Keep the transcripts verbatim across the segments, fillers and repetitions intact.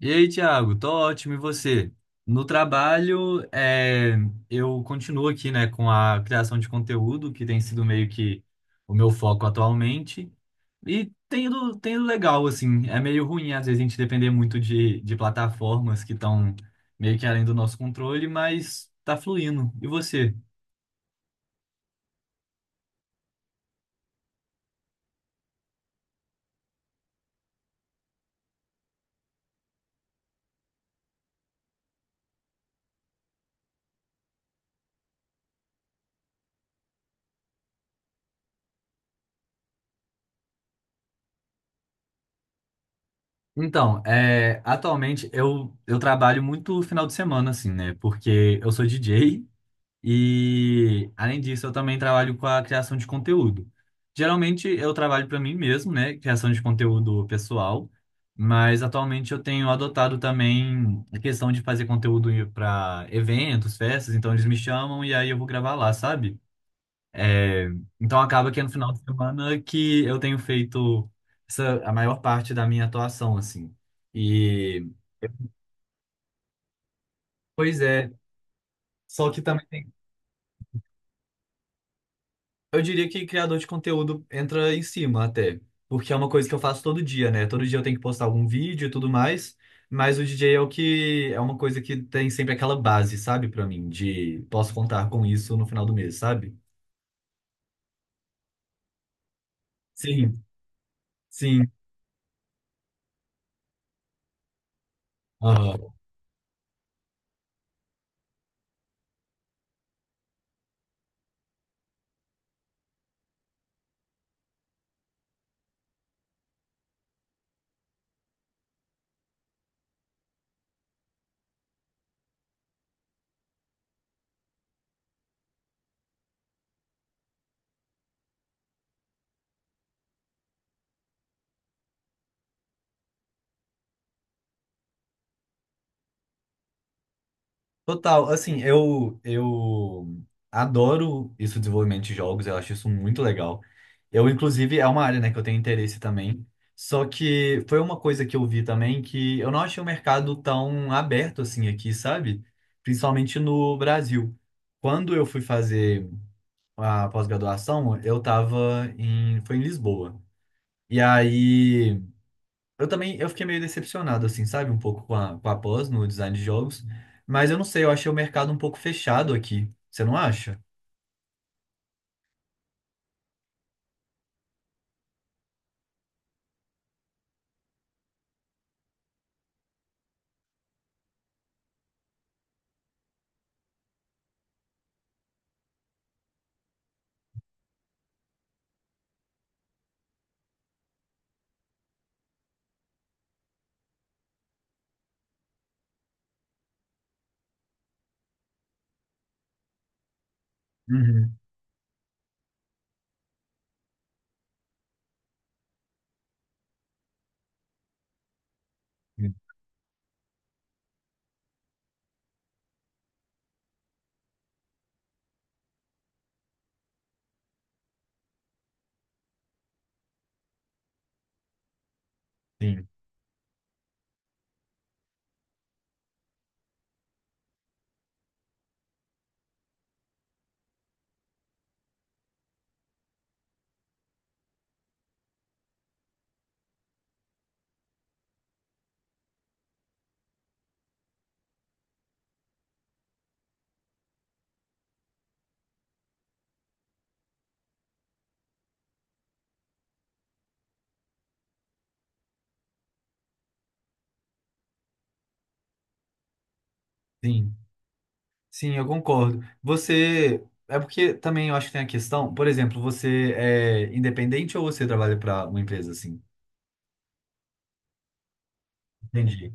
E aí, Thiago, tô ótimo, e você? No trabalho, é, eu continuo aqui, né, com a criação de conteúdo, que tem sido meio que o meu foco atualmente, e tem ido, tem ido legal, assim, é meio ruim às vezes a gente depender muito de, de plataformas que estão meio que além do nosso controle, mas tá fluindo. E você? Então, é, atualmente eu, eu trabalho muito final de semana, assim, né, porque eu sou D J, e, além disso, eu também trabalho com a criação de conteúdo. Geralmente, eu trabalho para mim mesmo, né? Criação de conteúdo pessoal. Mas, atualmente, eu tenho adotado também a questão de fazer conteúdo para eventos, festas. Então, eles me chamam e aí eu vou gravar lá, sabe? É, então, acaba que é no final de semana que eu tenho feito essa, a maior parte da minha atuação, assim. E, pois é. Só que também. Tem Eu diria que criador de conteúdo entra em cima até, porque é uma coisa que eu faço todo dia, né? Todo dia eu tenho que postar algum vídeo e tudo mais, mas o D J é o que é uma coisa que tem sempre aquela base, sabe, pra mim, de posso contar com isso no final do mês, sabe? Sim, sim. Aham. Total, assim, eu eu adoro isso, desenvolvimento de jogos, eu acho isso muito legal. Eu, inclusive, é uma área, né, que eu tenho interesse também. Só que foi uma coisa que eu vi também que eu não achei o mercado tão aberto assim aqui, sabe? Principalmente no Brasil. Quando eu fui fazer a pós-graduação, eu tava em, foi em Lisboa. E aí eu também, eu fiquei meio decepcionado, assim, sabe? Um pouco com a, com a pós no design de jogos. Mas eu não sei, eu achei o mercado um pouco fechado aqui. Você não acha? Uhum. Sim, sim. Sim, eu concordo. Você. É porque também eu acho que tem a questão, por exemplo, você é independente ou você trabalha para uma empresa assim? Entendi.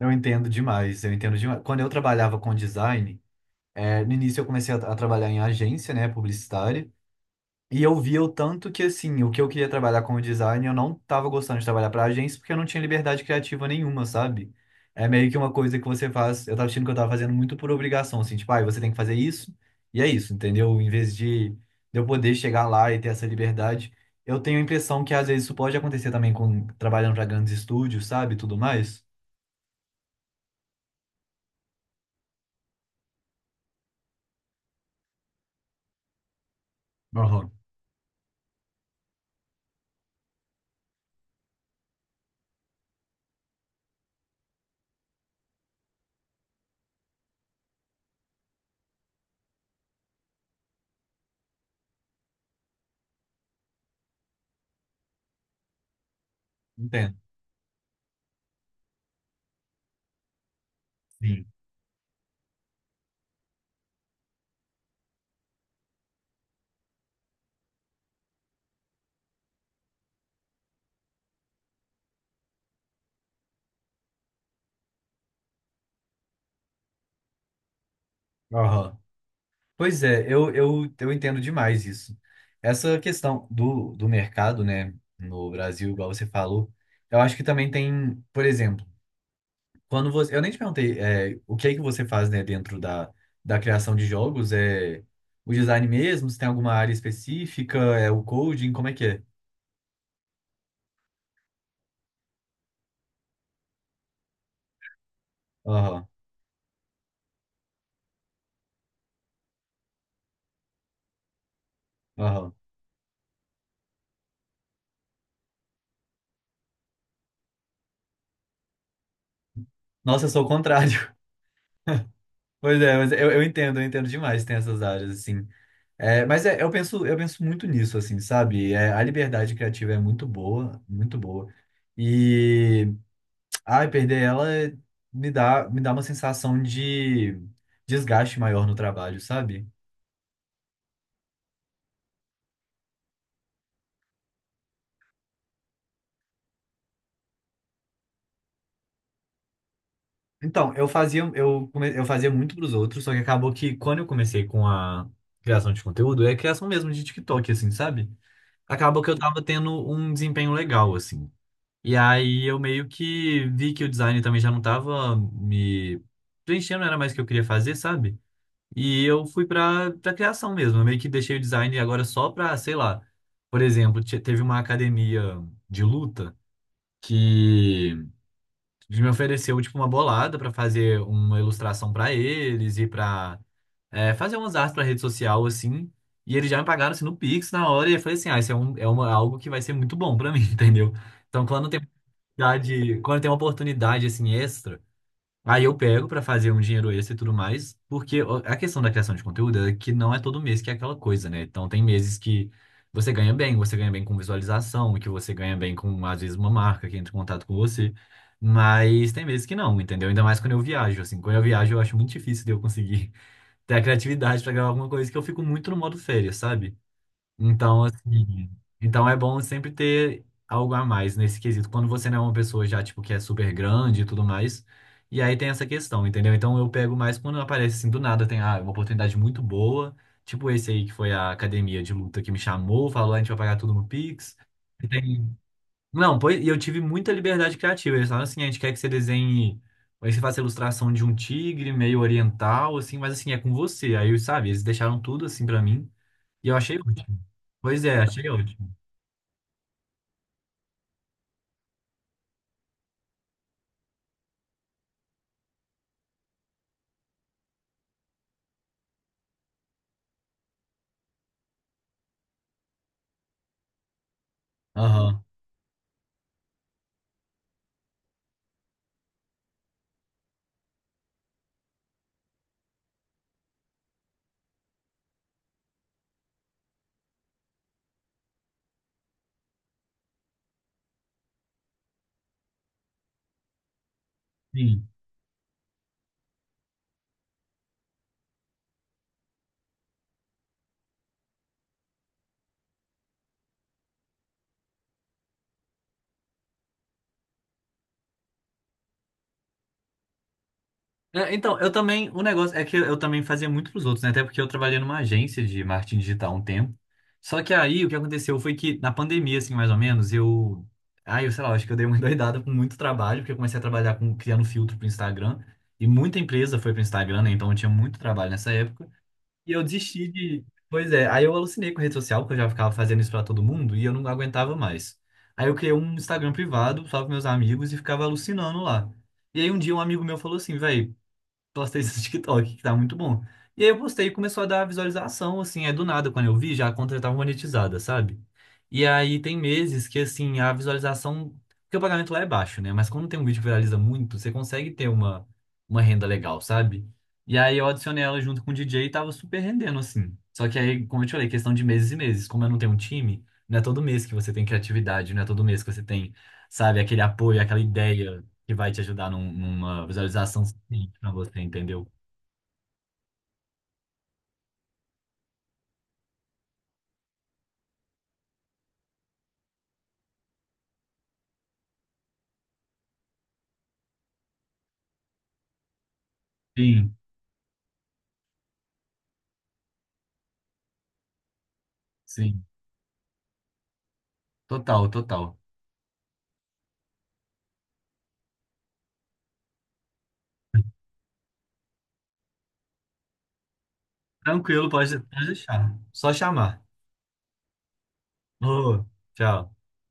Eu entendo demais, eu entendo demais. Quando eu trabalhava com design, é, no início eu comecei a, a trabalhar em agência, né, publicitária. E eu via o tanto que, assim, o que eu queria trabalhar como design, eu não tava gostando de trabalhar para agência porque eu não tinha liberdade criativa nenhuma, sabe? É meio que uma coisa que você faz. Eu tava achando que eu tava fazendo muito por obrigação, assim, tipo, ah, você tem que fazer isso, e é isso, entendeu? Em vez de de eu poder chegar lá e ter essa liberdade, eu tenho a impressão que às vezes isso pode acontecer também com trabalhando para grandes estúdios, sabe? Tudo mais. Aham, entendo. Sim. Aham. Pois é, eu, eu, eu entendo demais isso. Essa questão do, do mercado, né, no Brasil, igual você falou, eu acho que também tem, por exemplo, quando você. Eu nem te perguntei, é, o que é que você faz, né, dentro da, da criação de jogos? É o design mesmo? Se tem alguma área específica? É o coding? Como é que é? Aham, aham. Nossa, eu sou o contrário. Pois é, mas eu, eu entendo, eu entendo demais, tem essas áreas, assim. É, mas é, eu penso, eu penso muito nisso, assim, sabe? É, a liberdade criativa é muito boa, muito boa. E, ai, perder ela me dá, me dá uma sensação de desgaste maior no trabalho, sabe? Então, eu fazia, eu, come- eu fazia muito pros outros, só que acabou que quando eu comecei com a criação de conteúdo, é criação mesmo de TikTok, assim, sabe? Acabou que eu tava tendo um desempenho legal, assim. E aí eu meio que vi que o design também já não tava me preenchendo, não era mais o que eu queria fazer, sabe? E eu fui pra, pra criação mesmo. Eu meio que deixei o design agora só pra, sei lá, por exemplo, te- teve uma academia de luta que me ofereceu tipo uma bolada pra fazer uma ilustração pra eles e pra é, fazer umas artes pra rede social assim. E eles já me pagaram assim, no Pix na hora, e eu falei assim, ah, isso é, um, é uma, algo que vai ser muito bom pra mim, entendeu? Então, quando tem dá de- Quando tem uma oportunidade assim extra, aí eu pego pra fazer um dinheiro extra e tudo mais, porque o- a questão da criação de conteúdo é que não é todo mês que é aquela coisa, né? Então tem meses que você ganha bem, você ganha bem com visualização, que você ganha bem com às vezes uma marca que entra em contato com você, mas tem meses que não, entendeu? Ainda mais quando eu viajo, assim, quando eu viajo eu acho muito difícil de eu conseguir ter a criatividade pra gravar alguma coisa que eu fico muito no modo férias, sabe? Então, assim, então é bom sempre ter algo a mais nesse quesito. Quando você não é uma pessoa já, tipo, que é super grande e tudo mais. E aí tem essa questão, entendeu? Então eu pego mais quando aparece assim, do nada, tem ah, uma oportunidade muito boa. Tipo esse aí que foi a academia de luta que me chamou, falou, a gente vai pagar tudo no Pix. Não, pois, e eu tive muita liberdade criativa. Eles falaram assim, a gente quer que você desenhe, aí você faça a ilustração de um tigre meio oriental, assim, mas assim, é com você. Aí, sabe, eles deixaram tudo assim pra mim. E eu achei ótimo. Pois é, achei ótimo. Aham. Sim. É, então, eu também, o negócio é que eu também fazia muito pros outros, né? Até porque eu trabalhei numa agência de marketing digital há um tempo. Só que aí o que aconteceu foi que na pandemia, assim, mais ou menos, eu. Aí, eu sei lá, acho que eu dei uma endoidada com muito trabalho, porque eu comecei a trabalhar com criando filtro pro Instagram. E muita empresa foi pro Instagram, né? Então eu tinha muito trabalho nessa época. E eu desisti de. Pois é, aí eu alucinei com a rede social, porque eu já ficava fazendo isso pra todo mundo e eu não aguentava mais. Aí eu criei um Instagram privado só para meus amigos e ficava alucinando lá. E aí um dia um amigo meu falou assim, velho, postei isso no TikTok, que tá muito bom. E aí eu postei e começou a dar visualização, assim, é do nada, quando eu vi, já a conta já tava monetizada, sabe? E aí tem meses que, assim, a visualização, porque o pagamento lá é baixo, né? Mas quando tem um vídeo que viraliza muito, você consegue ter uma, uma renda legal, sabe? E aí eu adicionei ela junto com o D J e tava super rendendo, assim. Só que aí, como eu te falei, questão de meses e meses. Como eu não tenho um time, não é todo mês que você tem criatividade, não é todo mês que você tem, sabe, aquele apoio, aquela ideia que vai te ajudar num- numa visualização suficiente para você, entendeu? Sim, sim. Total, total. Tranquilo, pode, pode deixar. Só chamar. Ô, tchau.